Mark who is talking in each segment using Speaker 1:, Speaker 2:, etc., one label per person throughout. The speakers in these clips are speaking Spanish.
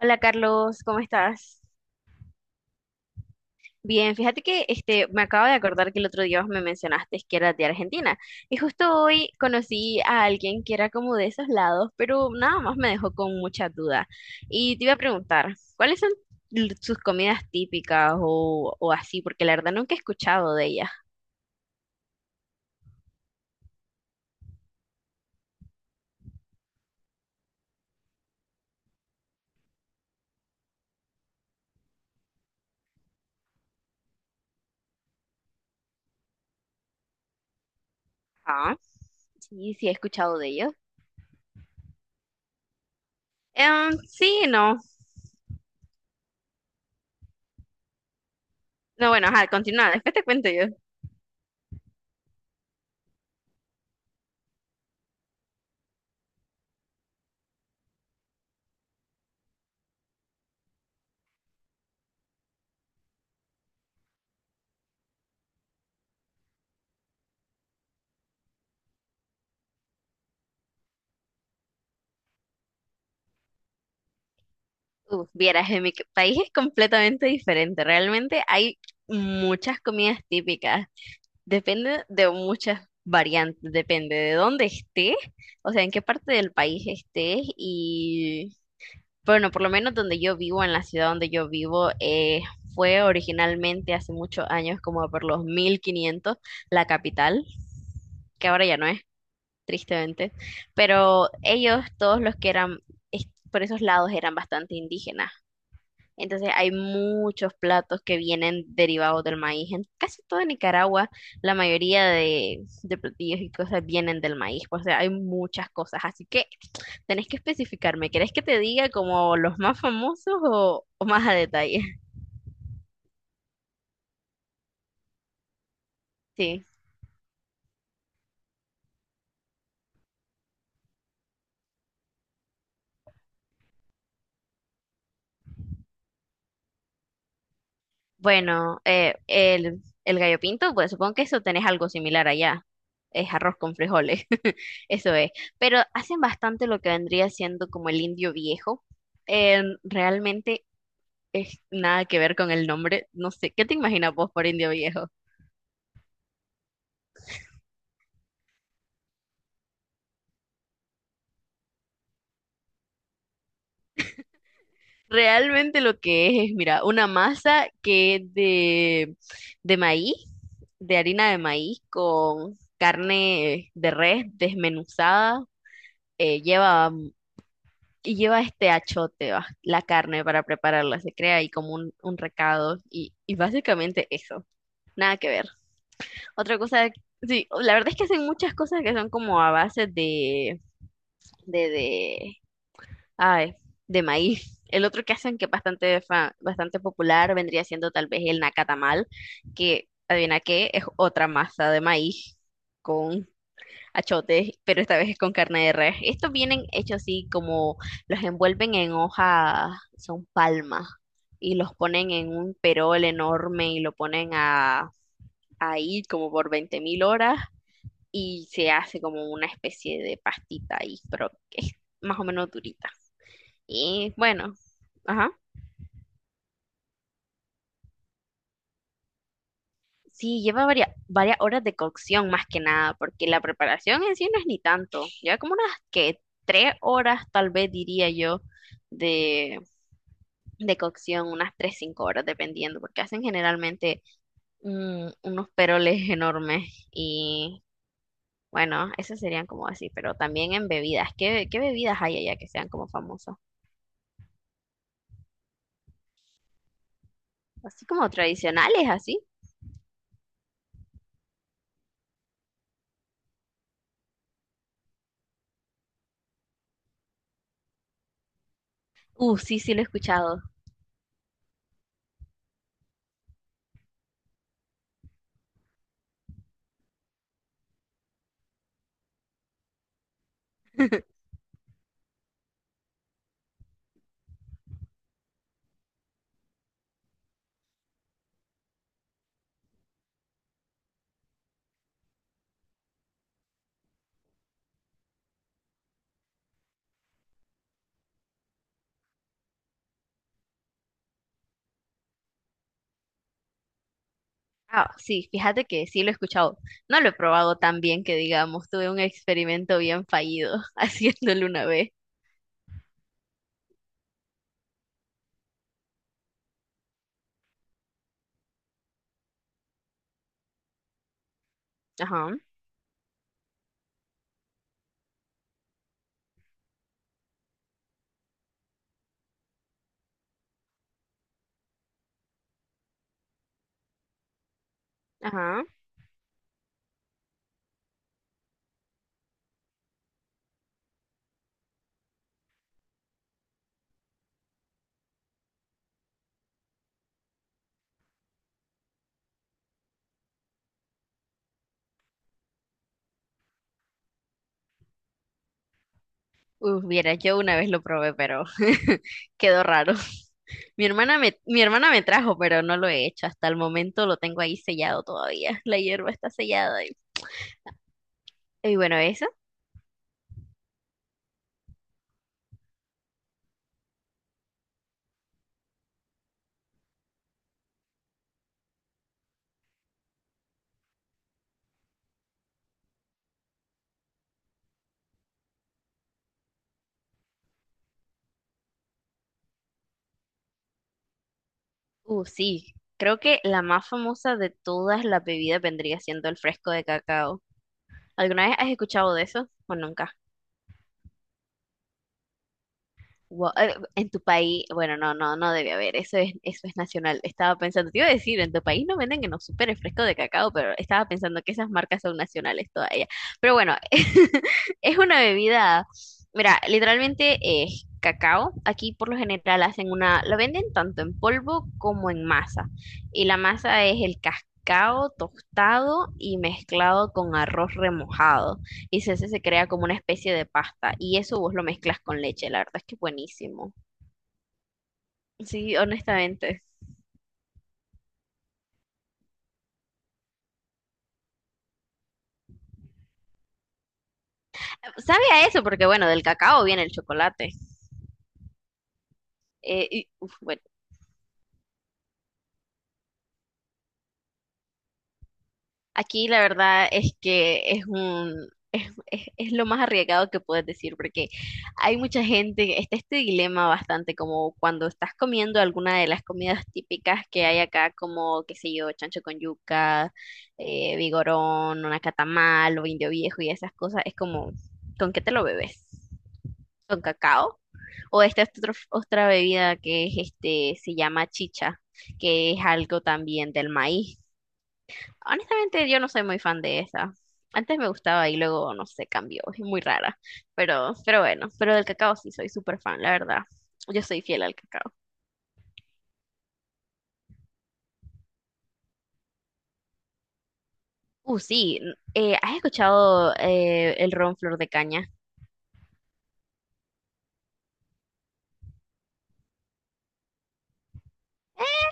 Speaker 1: Hola Carlos, ¿cómo estás? Bien, fíjate que me acabo de acordar que el otro día vos me mencionaste que eras de Argentina y justo hoy conocí a alguien que era como de esos lados, pero nada más me dejó con mucha duda. Y te iba a preguntar, ¿cuáles son sus comidas típicas o así? Porque la verdad nunca he escuchado de ellas. Ah, sí, sí he escuchado de ellos. Sí, no. No, bueno, ajá, continúa, después te cuento yo. Uf, vieras, en mi país es completamente diferente. Realmente hay muchas comidas típicas. Depende de muchas variantes, depende de dónde estés, o sea, en qué parte del país estés y, bueno, por lo menos donde yo vivo, en la ciudad donde yo vivo, fue originalmente hace muchos años, como por los 1500, la capital, que ahora ya no es, tristemente. Pero ellos, todos los que eran, por esos lados, eran bastante indígenas. Entonces hay muchos platos que vienen derivados del maíz. En casi toda Nicaragua, la mayoría de platillos y cosas vienen del maíz. O sea, hay muchas cosas. Así que tenés que especificarme. ¿Querés que te diga como los más famosos o más a detalle? Sí. Bueno, el gallo pinto, pues supongo que eso tenés algo similar allá. Es arroz con frijoles. Eso es. Pero hacen bastante lo que vendría siendo como el indio viejo. Realmente es nada que ver con el nombre. No sé, ¿qué te imaginas vos por indio viejo? Realmente lo que es, mira, una masa que es de maíz, de harina de maíz con carne de res desmenuzada, lleva y lleva este achote, va, la carne para prepararla, se crea ahí como un recado y básicamente eso, nada que ver. Otra cosa, sí, la verdad es que hacen muchas cosas que son como a base de, de, de Ay, de maíz. El otro que hacen que es bastante, bastante popular vendría siendo tal vez el nacatamal, que adivina qué, es otra masa de maíz con achotes, pero esta vez es con carne de res. Estos vienen hechos así como los envuelven en hoja, son palmas, y los ponen en un perol enorme y lo ponen a, ahí como por 20.000 horas y se hace como una especie de pastita ahí, pero que es más o menos durita. Y bueno, ajá. Sí, lleva varias horas de cocción más que nada, porque la preparación en sí no es ni tanto. Lleva como unas que 3 horas, tal vez diría yo, de, de cocción, unas 3, 5 horas, dependiendo, porque hacen generalmente unos peroles enormes. Y bueno, esas serían como así, pero también en bebidas. ¿Qué bebidas hay allá que sean como famosas? Así como tradicionales, así. Sí, sí, lo he escuchado. Ah, sí, fíjate que sí lo he escuchado. No lo he probado tan bien que digamos, tuve un experimento bien fallido haciéndolo una vez. Ajá, ajá. Uf, viera, yo una vez lo probé, pero quedó raro. Mi hermana me trajo, pero no lo he hecho. Hasta el momento lo tengo ahí sellado todavía. La hierba está sellada. Y, bueno, esa. Sí. Creo que la más famosa de todas las bebidas vendría siendo el fresco de cacao. ¿Alguna vez has escuchado de eso o nunca? En tu país, bueno, no, no, no debe haber, eso es nacional. Estaba pensando, te iba a decir, en tu país no venden que no supere fresco de cacao, pero estaba pensando que esas marcas son nacionales todavía. Pero bueno, es una bebida, mira, literalmente es cacao. Aquí por lo general hacen una, lo venden tanto en polvo como en masa. Y la masa es el cacao tostado y mezclado con arroz remojado y se hace, se crea como una especie de pasta y eso vos lo mezclas con leche, la verdad es que es buenísimo. Sí, honestamente. Sabe a eso porque bueno, del cacao viene el chocolate. Y, uf, bueno. Aquí la verdad es que es un es lo más arriesgado que puedes decir, porque hay mucha gente, está este dilema bastante como cuando estás comiendo alguna de las comidas típicas que hay acá, como, qué sé yo, chancho con yuca, vigorón, una catamal o indio viejo y esas cosas, es como, ¿con qué te lo bebes? ¿Con cacao? O esta es otra bebida que es se llama chicha, que es algo también del maíz. Honestamente, yo no soy muy fan de esa. Antes me gustaba y luego, no sé, cambió. Es muy rara. Pero bueno, pero del cacao sí soy súper fan, la verdad. Yo soy fiel al cacao. Sí. ¿Has escuchado el ron flor de caña?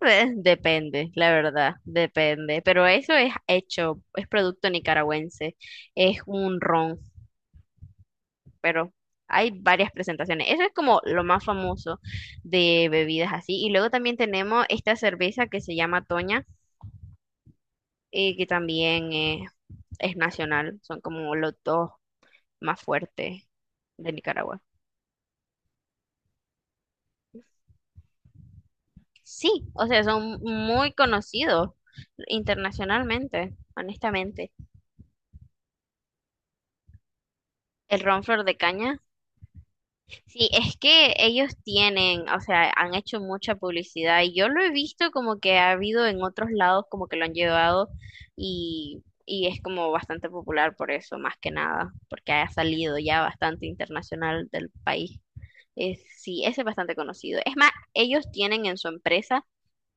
Speaker 1: Depende, la verdad, depende. Pero eso es hecho, es producto nicaragüense. Es un ron, pero hay varias presentaciones. Eso es como lo más famoso de bebidas así. Y luego también tenemos esta cerveza que se llama Toña y que también es nacional, son como los dos más fuertes de Nicaragua. Sí, o sea, son muy conocidos internacionalmente, honestamente. El ron flor de caña, sí, es que ellos tienen, o sea, han hecho mucha publicidad y yo lo he visto como que ha habido en otros lados como que lo han llevado y es como bastante popular por eso, más que nada, porque ha salido ya bastante internacional del país. Es, sí, ese es bastante conocido. Es más, ellos tienen en su empresa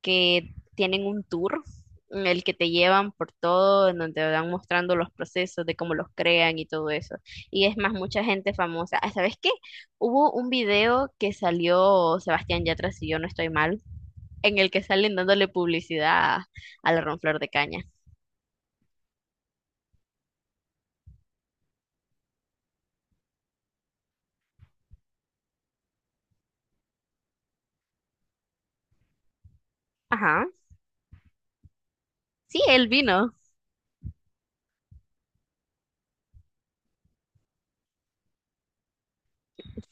Speaker 1: que tienen un tour en el que te llevan por todo, en donde te van mostrando los procesos de cómo los crean y todo eso. Y es más, mucha gente famosa. Ah, ¿sabes qué? Hubo un video que salió Sebastián Yatra, si yo no estoy mal, en el que salen dándole publicidad a, la Ronflor de Caña. Ajá. Sí, él vino.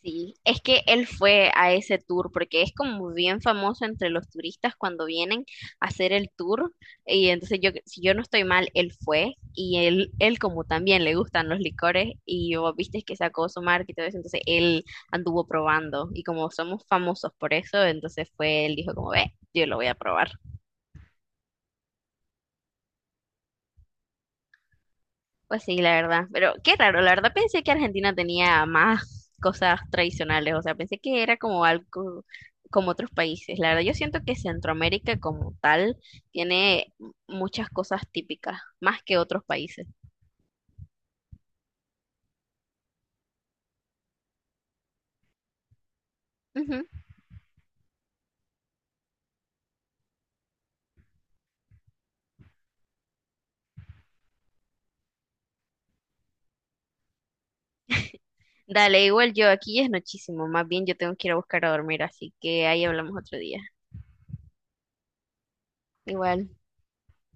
Speaker 1: Sí, es que él fue a ese tour porque es como bien famoso entre los turistas cuando vienen a hacer el tour y entonces yo, si yo no estoy mal, él fue y él como también le gustan los licores y vos viste que sacó su marca y todo eso, entonces él anduvo probando y como somos famosos por eso, entonces fue, él dijo como ve, yo lo voy a probar. Pues sí, la verdad. Pero qué raro, la verdad pensé que Argentina tenía más cosas tradicionales, o sea, pensé que era como algo como otros países. La verdad, yo siento que Centroamérica como tal tiene muchas cosas típicas, más que otros países. Ujú. Dale, igual yo, aquí ya es nochísimo, más bien yo tengo que ir a buscar a dormir, así que ahí hablamos otro día. Igual.